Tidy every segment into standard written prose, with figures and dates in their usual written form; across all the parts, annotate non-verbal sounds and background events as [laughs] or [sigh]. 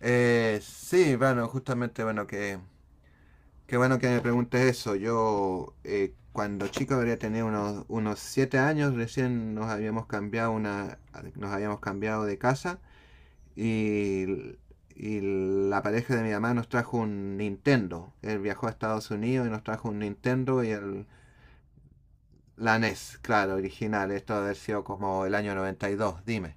Sí, bueno, justamente, bueno, qué bueno que me preguntes eso. Yo, cuando chico habría tenido unos 7 años, recién nos habíamos cambiado de casa y, y la pareja de mi mamá nos trajo un Nintendo. Él viajó a Estados Unidos y nos trajo un Nintendo y la NES, claro, original. Esto debe haber sido como el año 92. Dime.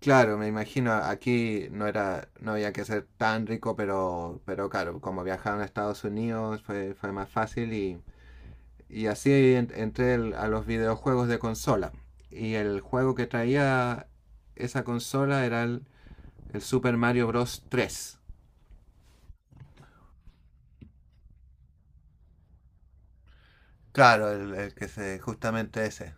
Claro, me imagino, aquí no había que ser tan rico, pero claro, como viajaron a Estados Unidos fue más fácil y así entré a los videojuegos de consola. Y el juego que traía esa consola era el Super Mario Bros. 3. Claro, el justamente ese.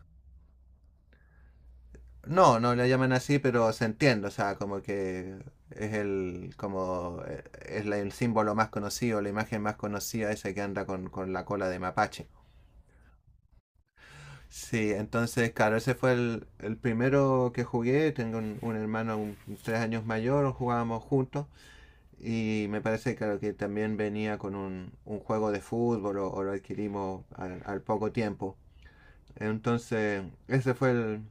No, no la llaman así, pero se entiende, o sea, como que como el símbolo más conocido, la imagen más conocida, esa que anda con la cola de mapache. Sí, entonces, claro, ese fue el primero que jugué, tengo un hermano 3 años mayor, jugábamos juntos, y me parece, claro, que también venía con un juego de fútbol o lo adquirimos al poco tiempo. Entonces, ese fue el,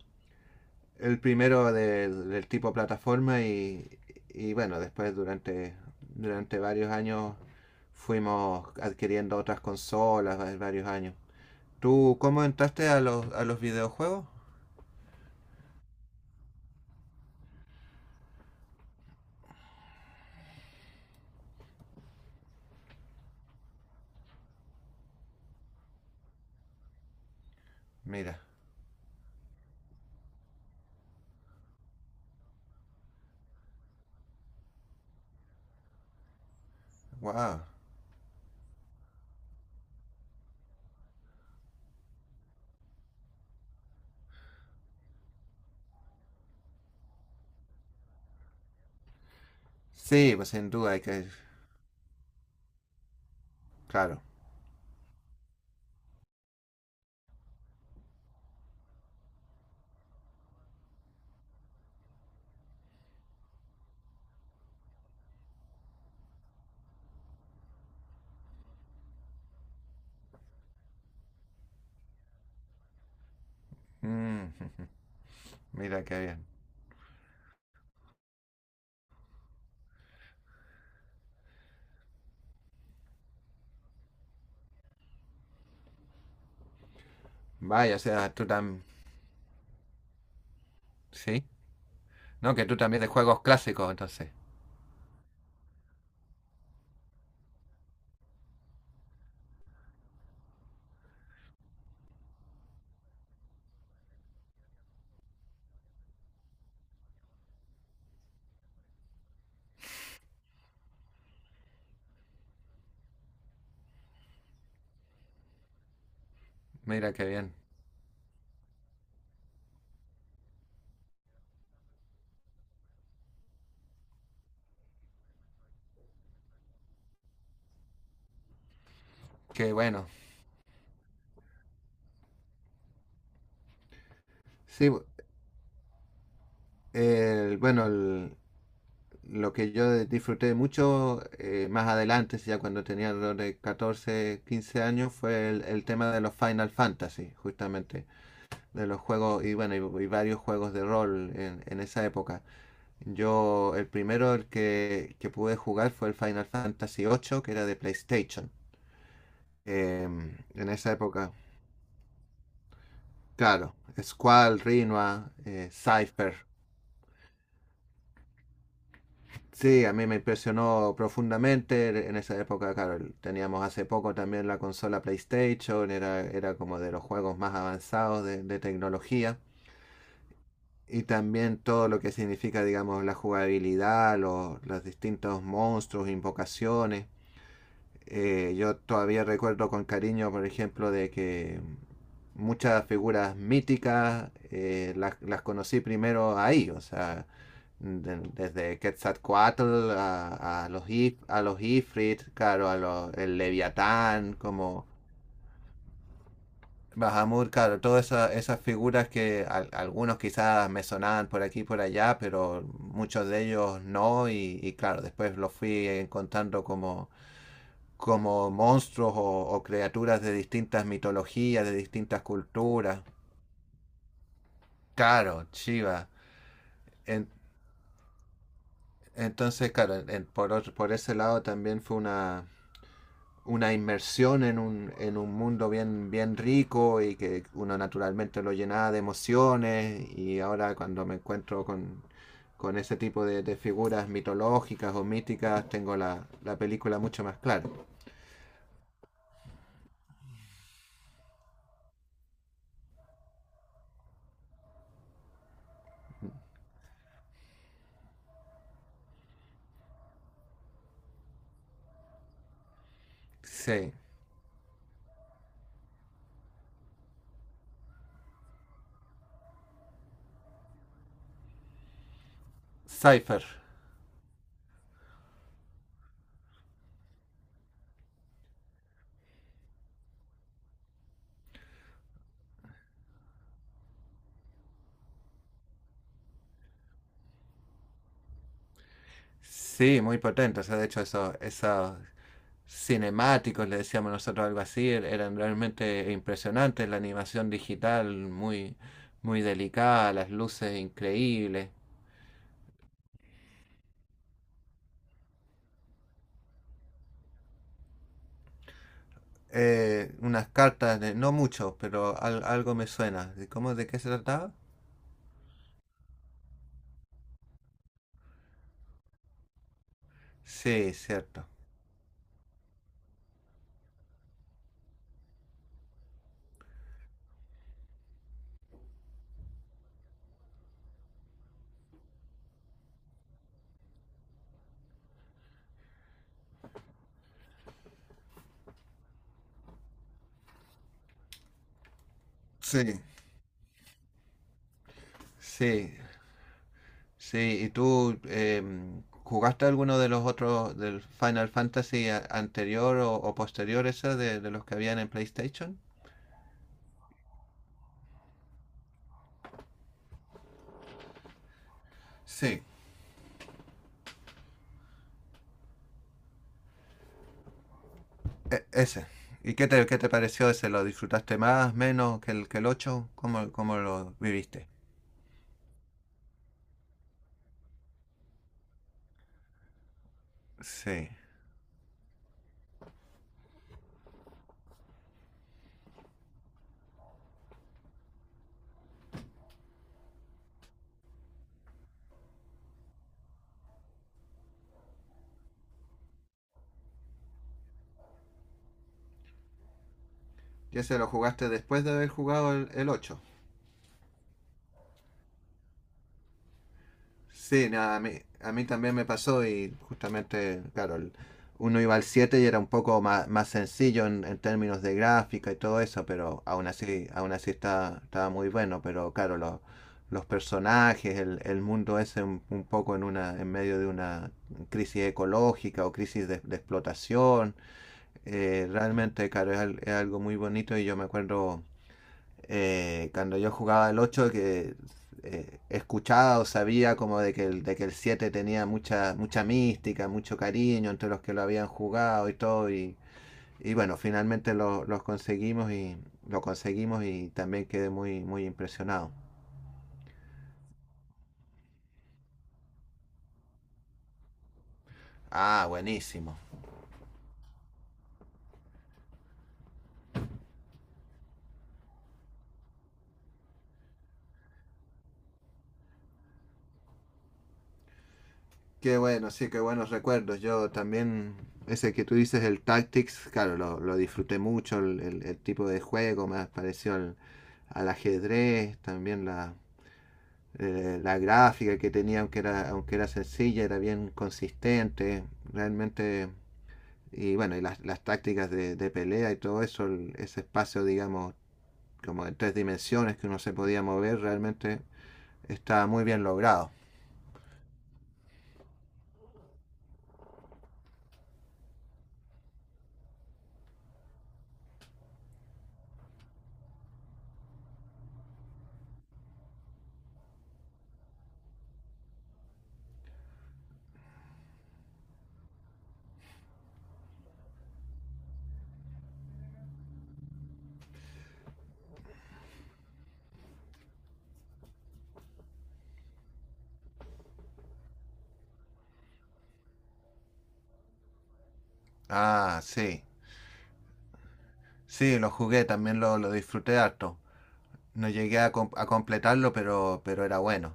El primero del tipo plataforma y bueno, después durante varios años fuimos adquiriendo otras consolas, varios años. ¿Tú cómo entraste a los videojuegos? Mira, wow. Sí, pues sin duda hay que. Claro. Mm. [laughs] Mira qué bien. Vaya, o sea, tú también. Sí. No, que tú también de juegos clásicos, entonces. Mira qué bien. Qué bueno. Sí, el, bueno, el, lo que yo disfruté mucho más adelante, ya cuando tenía alrededor de 14 15 años, fue el tema de los Final Fantasy, justamente, de los juegos y bueno, y varios juegos de rol en esa época. Yo, el primero el que pude jugar fue el Final Fantasy 8, que era de PlayStation, en esa época. Claro, Squall, Rinoa, Cypher. Sí, a mí me impresionó profundamente en esa época, claro, teníamos hace poco también la consola PlayStation, era como de los juegos más avanzados de tecnología, y también todo lo que significa, digamos, la jugabilidad, los distintos monstruos, invocaciones. Yo todavía recuerdo con cariño, por ejemplo, de que muchas figuras míticas las conocí primero ahí, o sea, desde Quetzalcoatl a los If- a los Ifrit, claro, el Leviatán, como Bahamut, claro, todas esas figuras que algunos quizás me sonaban por aquí y por allá, pero muchos de ellos no, y claro, después los fui encontrando como monstruos o criaturas de distintas mitologías, de distintas culturas. Claro, Shiva. En- entonces, claro, por ese lado también fue una inmersión en un mundo bien, bien rico y que uno naturalmente lo llenaba de emociones y ahora cuando me encuentro con ese tipo de figuras mitológicas o míticas tengo la película mucho más clara. Sí, Cypher. Sí, muy potente. O sea, de hecho, esos cinemáticos, le decíamos nosotros algo así, eran realmente impresionantes. La animación digital muy, muy delicada, las luces increíbles. Unas cartas de, no mucho, pero algo me suena. ¿De cómo, de qué se trataba? Sí, cierto. Sí. Sí, sí. ¿Y tú jugaste alguno de los otros del Final Fantasy anterior o posterior ese de los que habían en PlayStation? Sí, ese. ¿Y qué te pareció ese? ¿Lo disfrutaste más, menos que el 8? ¿Cómo, cómo lo viviste? Sí. ¿Y ese lo jugaste después de haber jugado el 8? Sí, nada, a mí, también me pasó y justamente, claro, uno iba al 7 y era un poco más, más sencillo en términos de gráfica y todo eso, pero aún así estaba muy bueno, pero claro, los personajes, el mundo ese un poco en medio de una crisis ecológica o crisis de explotación, realmente, claro, es algo muy bonito y yo me acuerdo cuando yo jugaba el 8 que escuchaba o sabía como de que el 7 tenía mucha, mucha mística, mucho cariño entre los que lo habían jugado y todo. Y bueno, finalmente los conseguimos y lo conseguimos y también quedé muy, muy impresionado. Ah, buenísimo. Qué bueno, sí, qué buenos recuerdos. Yo también, ese que tú dices, el Tactics, claro, lo disfruté mucho, el tipo de juego, me pareció al ajedrez, también la gráfica que tenía, aunque era sencilla, era bien consistente, realmente, y bueno, y las tácticas de pelea y todo eso, ese espacio, digamos, como en 3 dimensiones que uno se podía mover, realmente estaba muy bien logrado. Ah, sí, sí, lo jugué, también lo disfruté harto. No llegué a completarlo, pero era bueno.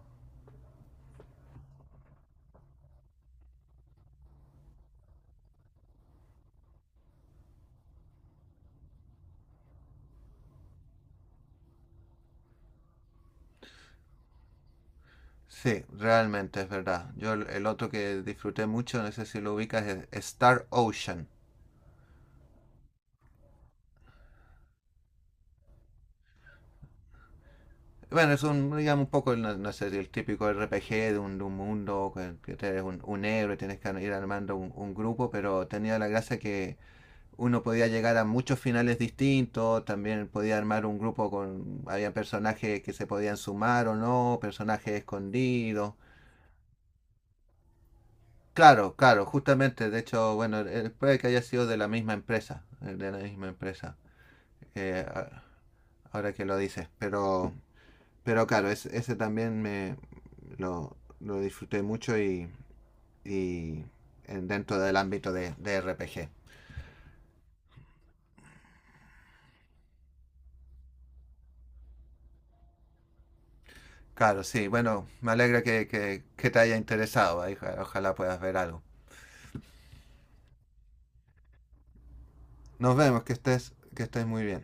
Sí, realmente es verdad. Yo el otro que disfruté mucho, no sé si lo ubicas, es Star Ocean. Bueno, es digamos, un poco, no, no sé, si el típico RPG de un mundo, que eres un héroe, tienes que ir armando un grupo, pero tenía la gracia que uno podía llegar a muchos finales distintos, también podía armar un grupo había personajes que se podían sumar o no, personajes escondidos. Claro, claro, justamente, de hecho, bueno, puede que haya sido de la misma empresa, de la misma empresa, eh, a- ahora que lo dices, pero. Pero claro, ese también me lo disfruté mucho y dentro del ámbito de RPG. Claro, sí, bueno, me alegra que te haya interesado, ahí, ojalá puedas ver algo. Nos vemos, que estés muy bien.